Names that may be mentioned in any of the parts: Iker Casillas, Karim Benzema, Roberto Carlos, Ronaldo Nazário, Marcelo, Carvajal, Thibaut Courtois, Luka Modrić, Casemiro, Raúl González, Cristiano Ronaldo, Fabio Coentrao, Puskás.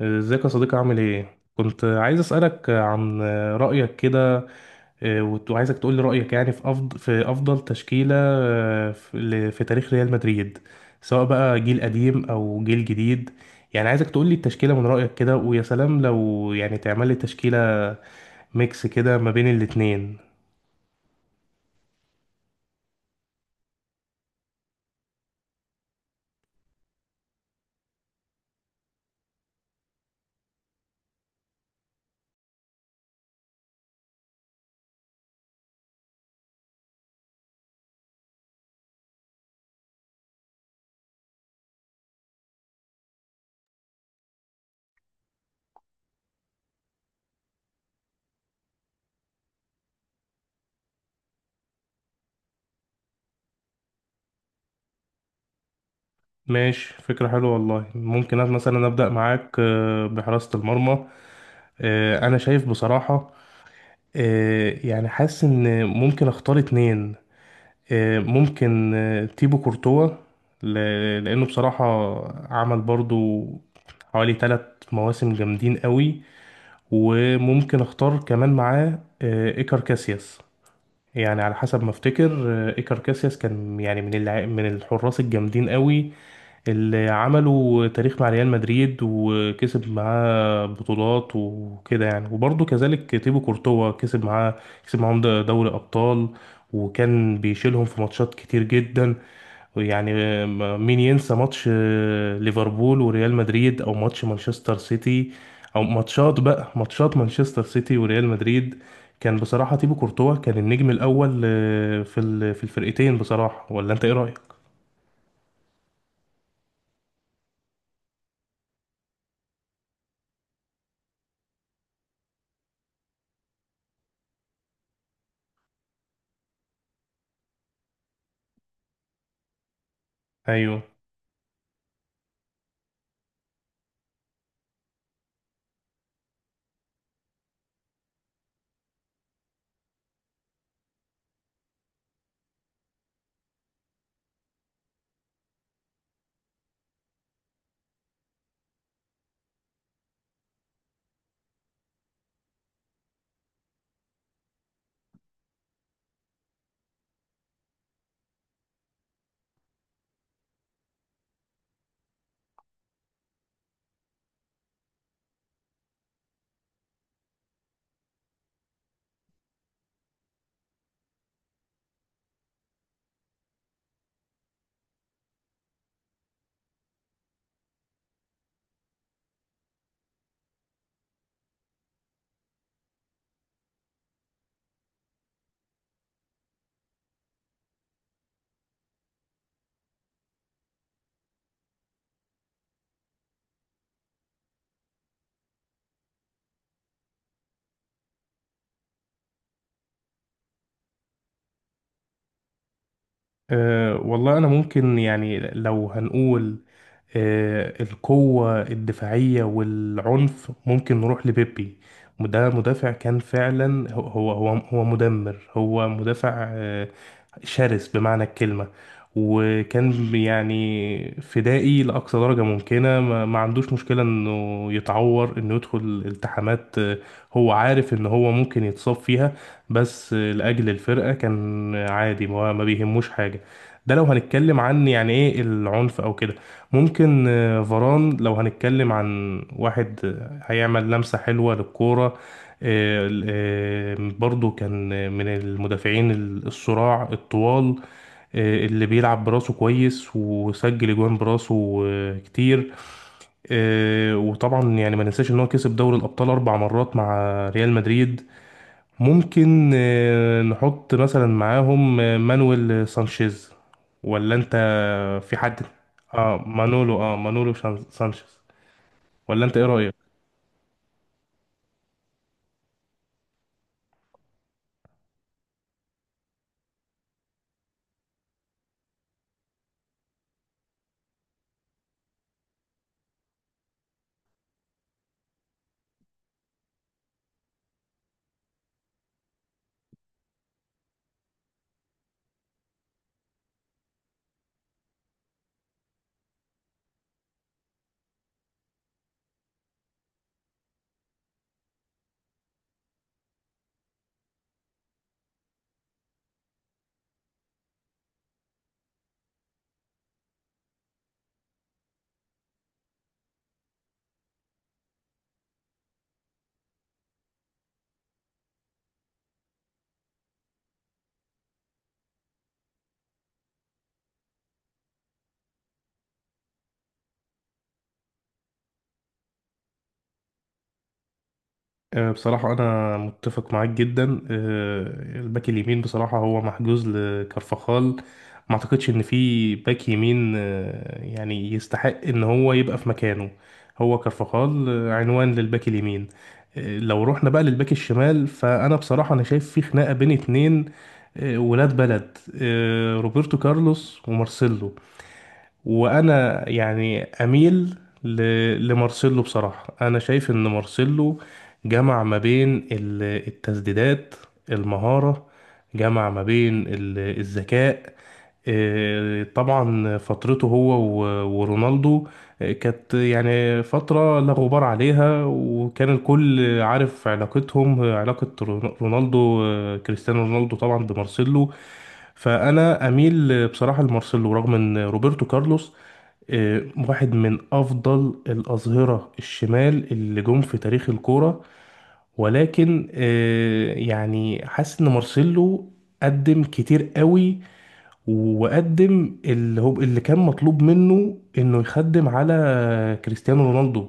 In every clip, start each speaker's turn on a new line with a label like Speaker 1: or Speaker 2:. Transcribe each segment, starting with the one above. Speaker 1: ازيك يا صديقي؟ عامل ايه؟ كنت عايز اسألك عن رأيك كده. وعايزك تقول لي رأيك يعني في أفضل في أفضل تشكيلة، في تاريخ ريال مدريد، سواء بقى جيل قديم أو جيل جديد. يعني عايزك تقول لي التشكيلة من رأيك كده، ويا سلام لو يعني تعمل لي تشكيلة ميكس كده ما بين الاتنين. ماشي، فكرة حلوة والله. ممكن أنا مثلا أبدأ معاك بحراسة المرمى. اه، أنا شايف بصراحة يعني حاسس ان ممكن اختار اتنين. ممكن تيبو كورتوا، لأنه بصراحة عمل برضو حوالي تلات مواسم جامدين قوي. وممكن اختار كمان معاه إيكار كاسياس. يعني على حسب ما افتكر، إيكار كاسياس كان يعني من الحراس الجامدين قوي اللي عملوا تاريخ مع ريال مدريد، وكسب معاه بطولات وكده. يعني وبرضه كذلك تيبو كورتوا كسب معاه، كسب معاهم دوري أبطال، وكان بيشيلهم في ماتشات كتير جدا. يعني مين ينسى ماتش ليفربول وريال مدريد، أو ماتش مانشستر سيتي، أو ماتشات بقى ماتشات مانشستر سيتي وريال مدريد؟ كان بصراحة تيبو كورتوا كان النجم الأول، في الفرقتين بصراحة. ولا أنت إيه رأيك؟ أيوه. أه والله أنا ممكن يعني لو هنقول أه القوة الدفاعية والعنف، ممكن نروح لبيبي. وده مدافع كان فعلا هو هو مدمر. هو مدافع شرس بمعنى الكلمة، وكان يعني فدائي لأقصى درجة ممكنة. ما عندوش مشكلة إنه يتعور، إنه يدخل التحامات. هو عارف إن هو ممكن يتصاب فيها، بس لأجل الفرقة كان عادي، ما بيهموش حاجة. ده لو هنتكلم عن يعني إيه العنف أو كده. ممكن فاران لو هنتكلم عن واحد هيعمل لمسة حلوة للكورة. برضو كان من المدافعين الصراع الطوال، اللي بيلعب براسه كويس وسجل اجوان براسه كتير. وطبعا يعني ما ننساش ان هو كسب دوري الابطال 4 مرات مع ريال مدريد. ممكن نحط مثلا معاهم مانويل سانشيز، ولا انت؟ في حد؟ اه مانولو، اه مانولو سانشيز. ولا انت ايه رأيك؟ بصراحة أنا متفق معاك جدا. آه، الباك اليمين بصراحة هو محجوز لكارفاخال. ما أعتقدش إن في باك يمين يعني يستحق إن هو يبقى في مكانه. هو كارفاخال عنوان للباك اليمين. لو رحنا بقى للباك الشمال، فأنا بصراحة أنا شايف في خناقة بين اتنين، ولاد بلد، روبرتو كارلوس ومارسيلو. وانا يعني اميل ل... لمارسيلو. بصراحة انا شايف ان مارسيلو جمع ما بين التسديدات، المهارة، جمع ما بين الذكاء. طبعا فترته هو ورونالدو كانت يعني فترة لا غبار عليها، وكان الكل عارف علاقتهم، رونالدو كريستيانو رونالدو طبعا بمارسيلو. فأنا أميل بصراحة لمارسيلو، رغم إن روبرتو كارلوس آه، واحد من أفضل الأظهرة الشمال اللي جم في تاريخ الكورة. ولكن يعني حاسس إن مارسيلو قدم كتير قوي، وقدم اللي هو اللي كان مطلوب منه انه يخدم على كريستيانو رونالدو.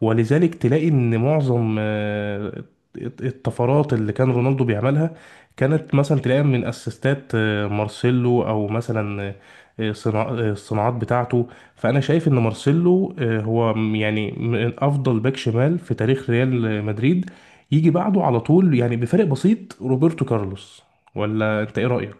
Speaker 1: ولذلك تلاقي ان معظم الطفرات اللي كان رونالدو بيعملها كانت مثلا تلاقيها من اسيستات مارسيلو، او مثلا الصناعات بتاعته. فانا شايف ان مارسيلو يعني من افضل باك شمال في تاريخ ريال مدريد، يجي بعده على طول يعني بفرق بسيط روبرتو كارلوس. ولا انت ايه رأيك؟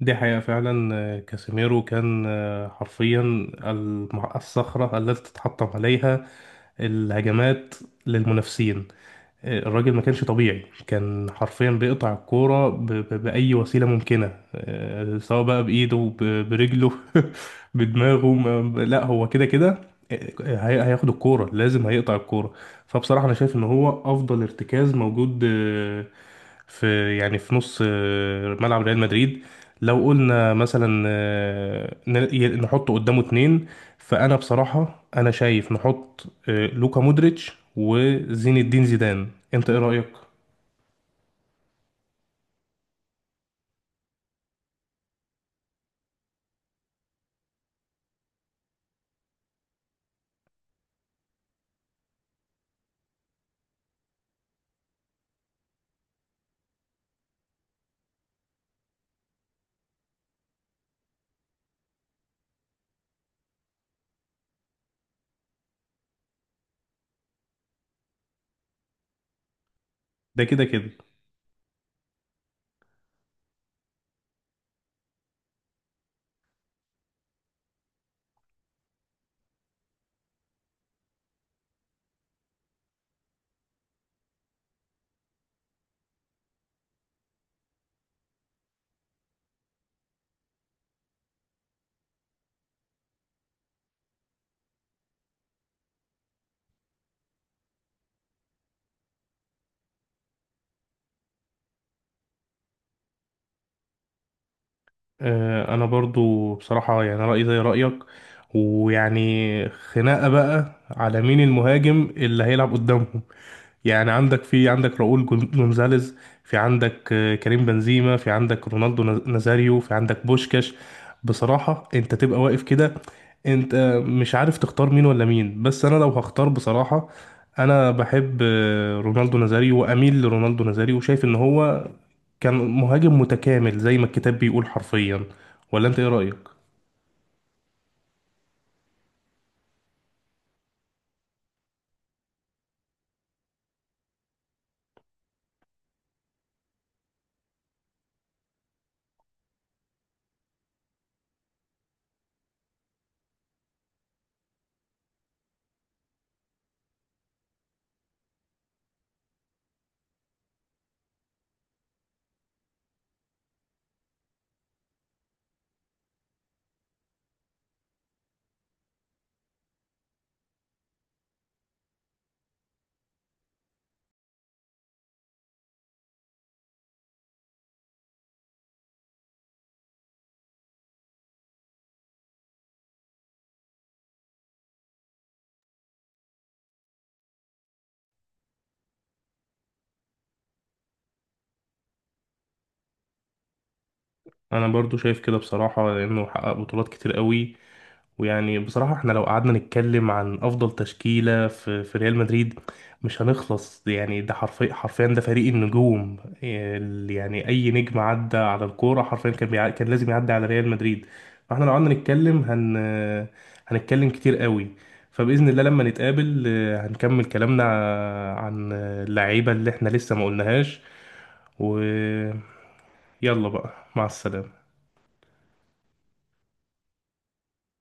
Speaker 1: دي حقيقة فعلا. كاسيميرو كان حرفيا الصخرة التي تتحطم عليها الهجمات للمنافسين. الراجل ما كانش طبيعي، كان حرفيا بيقطع الكورة بأي وسيلة ممكنة، سواء بقى بإيده، برجله، بدماغه، لا هو كده كده، هياخد الكورة لازم هيقطع الكورة. فبصراحة أنا شايف إن هو أفضل ارتكاز موجود في يعني في نص ملعب ريال مدريد. لو قلنا مثلا نحطه قدامه اتنين، فانا بصراحه انا شايف نحط لوكا مودريتش وزين الدين زيدان. انت ايه رايك؟ ده كده كده. انا برضو بصراحه يعني رايي زي رايك. ويعني خناقه بقى على مين المهاجم اللي هيلعب قدامهم. يعني في عندك جونزاليز، في عندك كريم بنزيما، في عندك نازاريو، في عندك بوشكاش. بصراحة انت تبقى واقف كده، انت مش عارف تختار مين ولا مين. بس انا لو هختار بصراحة، انا بحب رونالدو نازاريو، واميل لرونالدو نازاريو، وشايف ان هو كان مهاجم متكامل زي ما الكتاب بيقول حرفيا. ولا انت ايه رأيك؟ انا برضو شايف كده بصراحة، لانه حقق بطولات كتير قوي. ويعني بصراحة احنا لو قعدنا نتكلم عن أفضل تشكيلة في ريال مدريد مش هنخلص. يعني ده حرفيا حرفيا ده فريق النجوم. يعني أي نجم عدى على الكورة حرفيا كان كان لازم يعدي على ريال مدريد. فاحنا لو قعدنا هنتكلم كتير قوي. فبإذن الله لما نتقابل هنكمل كلامنا عن اللعيبة اللي احنا لسه ما قلناهاش. ويلا بقى، مع السلامة.